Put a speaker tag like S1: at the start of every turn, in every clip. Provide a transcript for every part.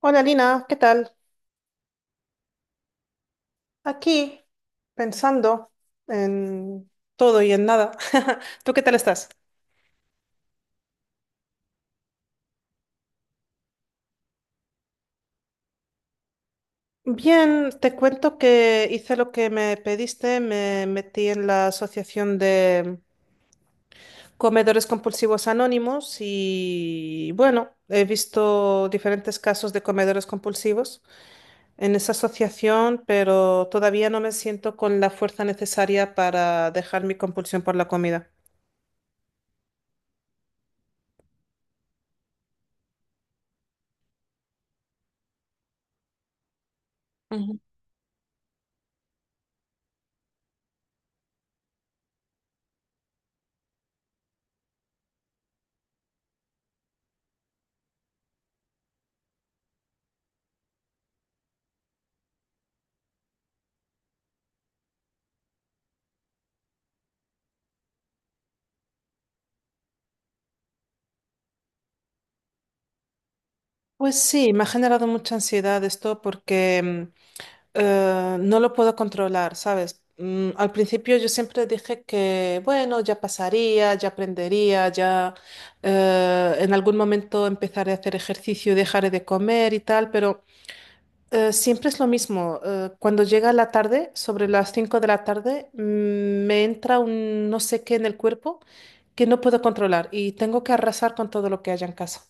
S1: Hola Lina, ¿qué tal? Aquí pensando en todo y en nada. ¿Tú qué tal estás? Bien, te cuento que hice lo que me pediste, me metí en la Asociación de Comedores Compulsivos Anónimos y bueno, he visto diferentes casos de comedores compulsivos en esa asociación, pero todavía no me siento con la fuerza necesaria para dejar mi compulsión por la comida. Pues sí, me ha generado mucha ansiedad esto porque no lo puedo controlar, ¿sabes? Al principio yo siempre dije que, bueno, ya pasaría, ya aprendería, ya en algún momento empezaré a hacer ejercicio, dejaré de comer y tal, pero siempre es lo mismo. Cuando llega la tarde, sobre las 5 de la tarde, me entra un no sé qué en el cuerpo que no puedo controlar y tengo que arrasar con todo lo que haya en casa.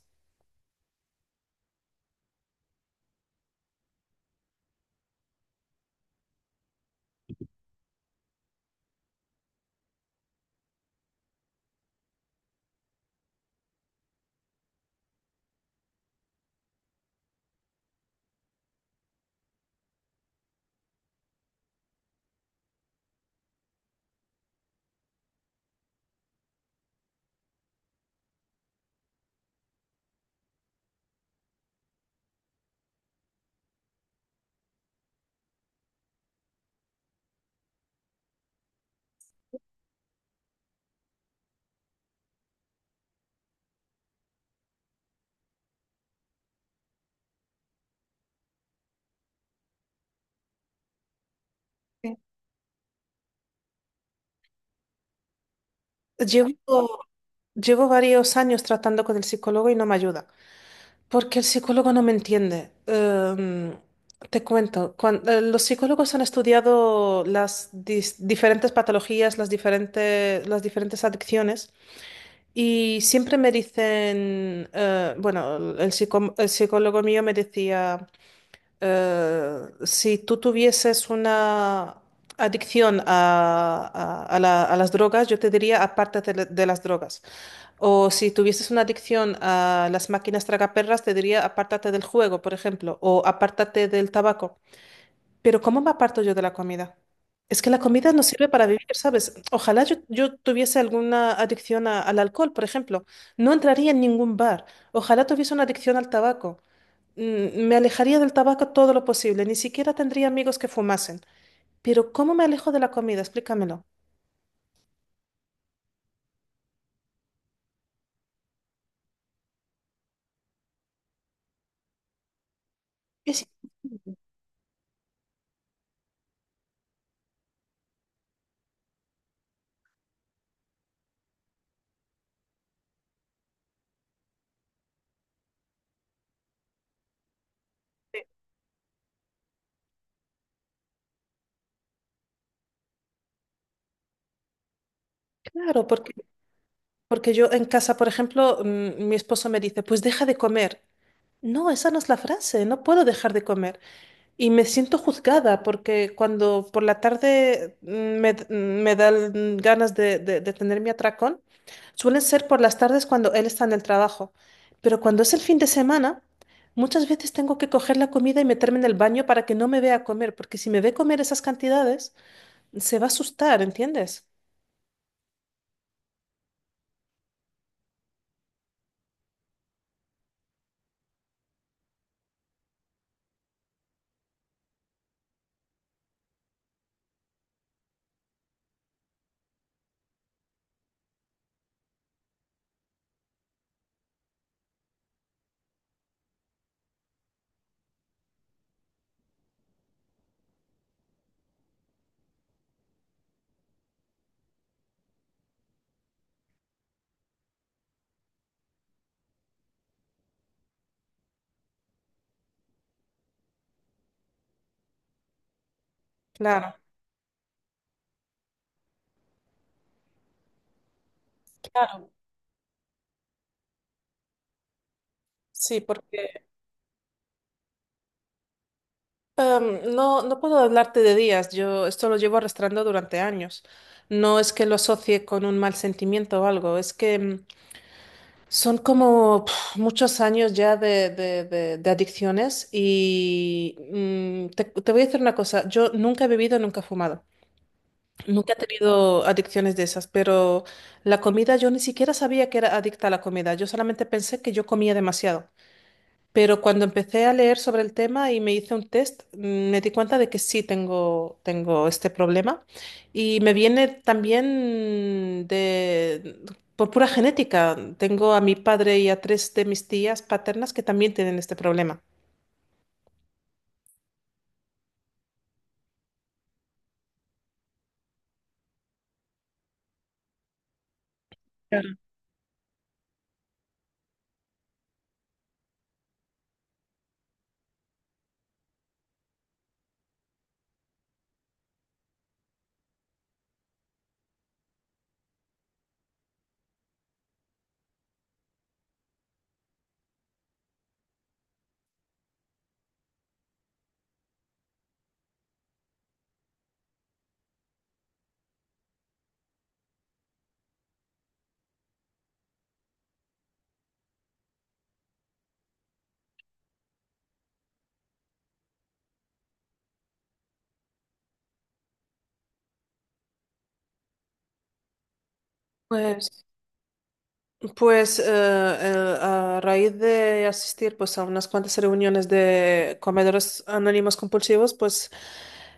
S1: Sí. Llevo, Llevo varios años tratando con el psicólogo y no me ayuda, porque el psicólogo no me entiende. Te cuento, los psicólogos han estudiado las diferentes patologías, las diferentes adicciones y siempre me dicen, bueno, el psicólogo mío me decía... Eh, si tú tuvieses una adicción a las drogas, yo te diría aparte de las drogas. O si tuvieses una adicción a las máquinas tragaperras, te diría apártate del juego, por ejemplo, o apártate del tabaco. Pero ¿cómo me aparto yo de la comida? Es que la comida no sirve para vivir, ¿sabes? Ojalá yo tuviese alguna adicción al alcohol, por ejemplo. No entraría en ningún bar. Ojalá tuviese una adicción al tabaco. Me alejaría del tabaco todo lo posible, ni siquiera tendría amigos que fumasen. Pero ¿cómo me alejo de la comida? Explícamelo. Es claro, porque yo en casa, por ejemplo, mi esposo me dice, pues deja de comer. No, esa no es la frase, no puedo dejar de comer. Y me siento juzgada porque cuando por la tarde me dan ganas de tener mi atracón. Suelen ser por las tardes cuando él está en el trabajo, pero cuando es el fin de semana, muchas veces tengo que coger la comida y meterme en el baño para que no me vea comer, porque si me ve comer esas cantidades, se va a asustar, ¿entiendes? Claro, claro, sí, porque no, no puedo hablarte de días, yo esto lo llevo arrastrando durante años. No es que lo asocie con un mal sentimiento o algo, es que son como muchos años ya de adicciones y te voy a decir una cosa, yo nunca he bebido, nunca he fumado, nunca he tenido adicciones de esas, pero la comida yo ni siquiera sabía que era adicta a la comida, yo solamente pensé que yo comía demasiado. Pero cuando empecé a leer sobre el tema y me hice un test, me di cuenta de que sí tengo este problema y me viene también por pura genética. Tengo a mi padre y a tres de mis tías paternas que también tienen este problema. Claro. Pues, pues a raíz de asistir pues, a unas cuantas reuniones de comedores anónimos compulsivos, pues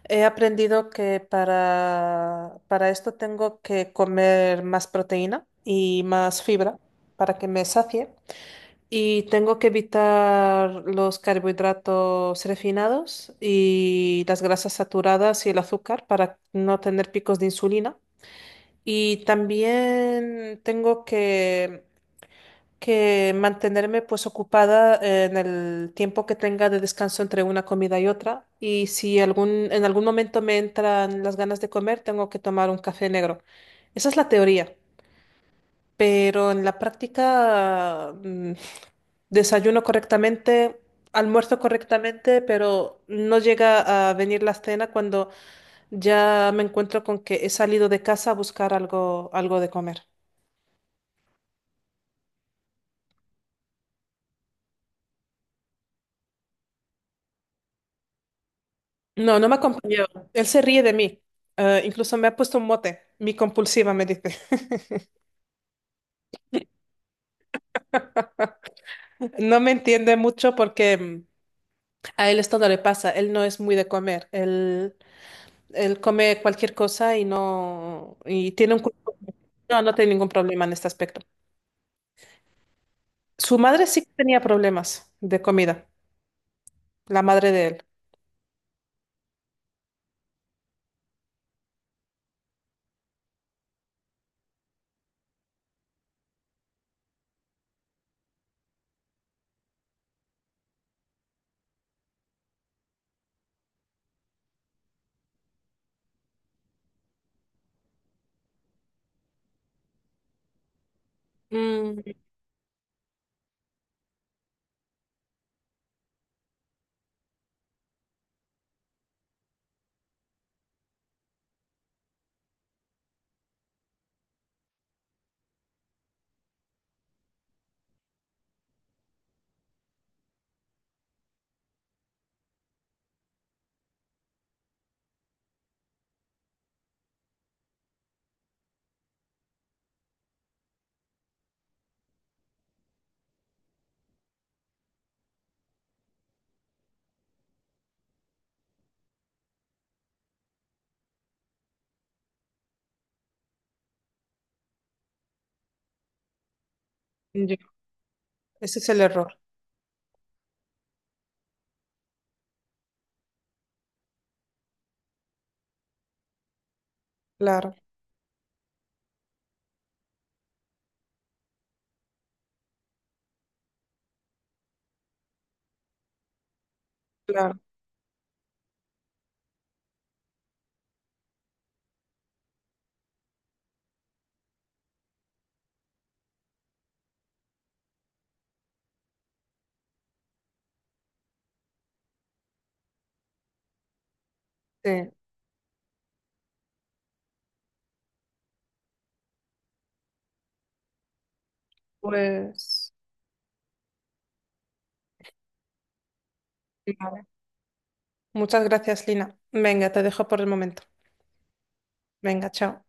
S1: he aprendido que para esto tengo que comer más proteína y más fibra para que me sacie. Y tengo que evitar los carbohidratos refinados y las grasas saturadas y el azúcar para no tener picos de insulina. Y también tengo que mantenerme pues ocupada en el tiempo que tenga de descanso entre una comida y otra. Y si en algún momento me entran las ganas de comer, tengo que tomar un café negro. Esa es la teoría, pero en la práctica desayuno correctamente, almuerzo correctamente, pero no llega a venir la cena cuando ya me encuentro con que he salido de casa a buscar algo de comer. No, no me acompañó. Él se ríe de mí. Incluso me ha puesto un mote. Mi compulsiva me dice. No me entiende mucho porque a él esto no le pasa. Él no es muy de comer. Él come cualquier cosa y no y tiene un cuerpo. No, no tiene ningún problema en este aspecto. Su madre sí que tenía problemas de comida. La madre de él. Mm, ya. Ese es el error. Claro, claro. Sí. Pues. Claro. Muchas gracias, Lina. Venga, te dejo por el momento. Venga, chao.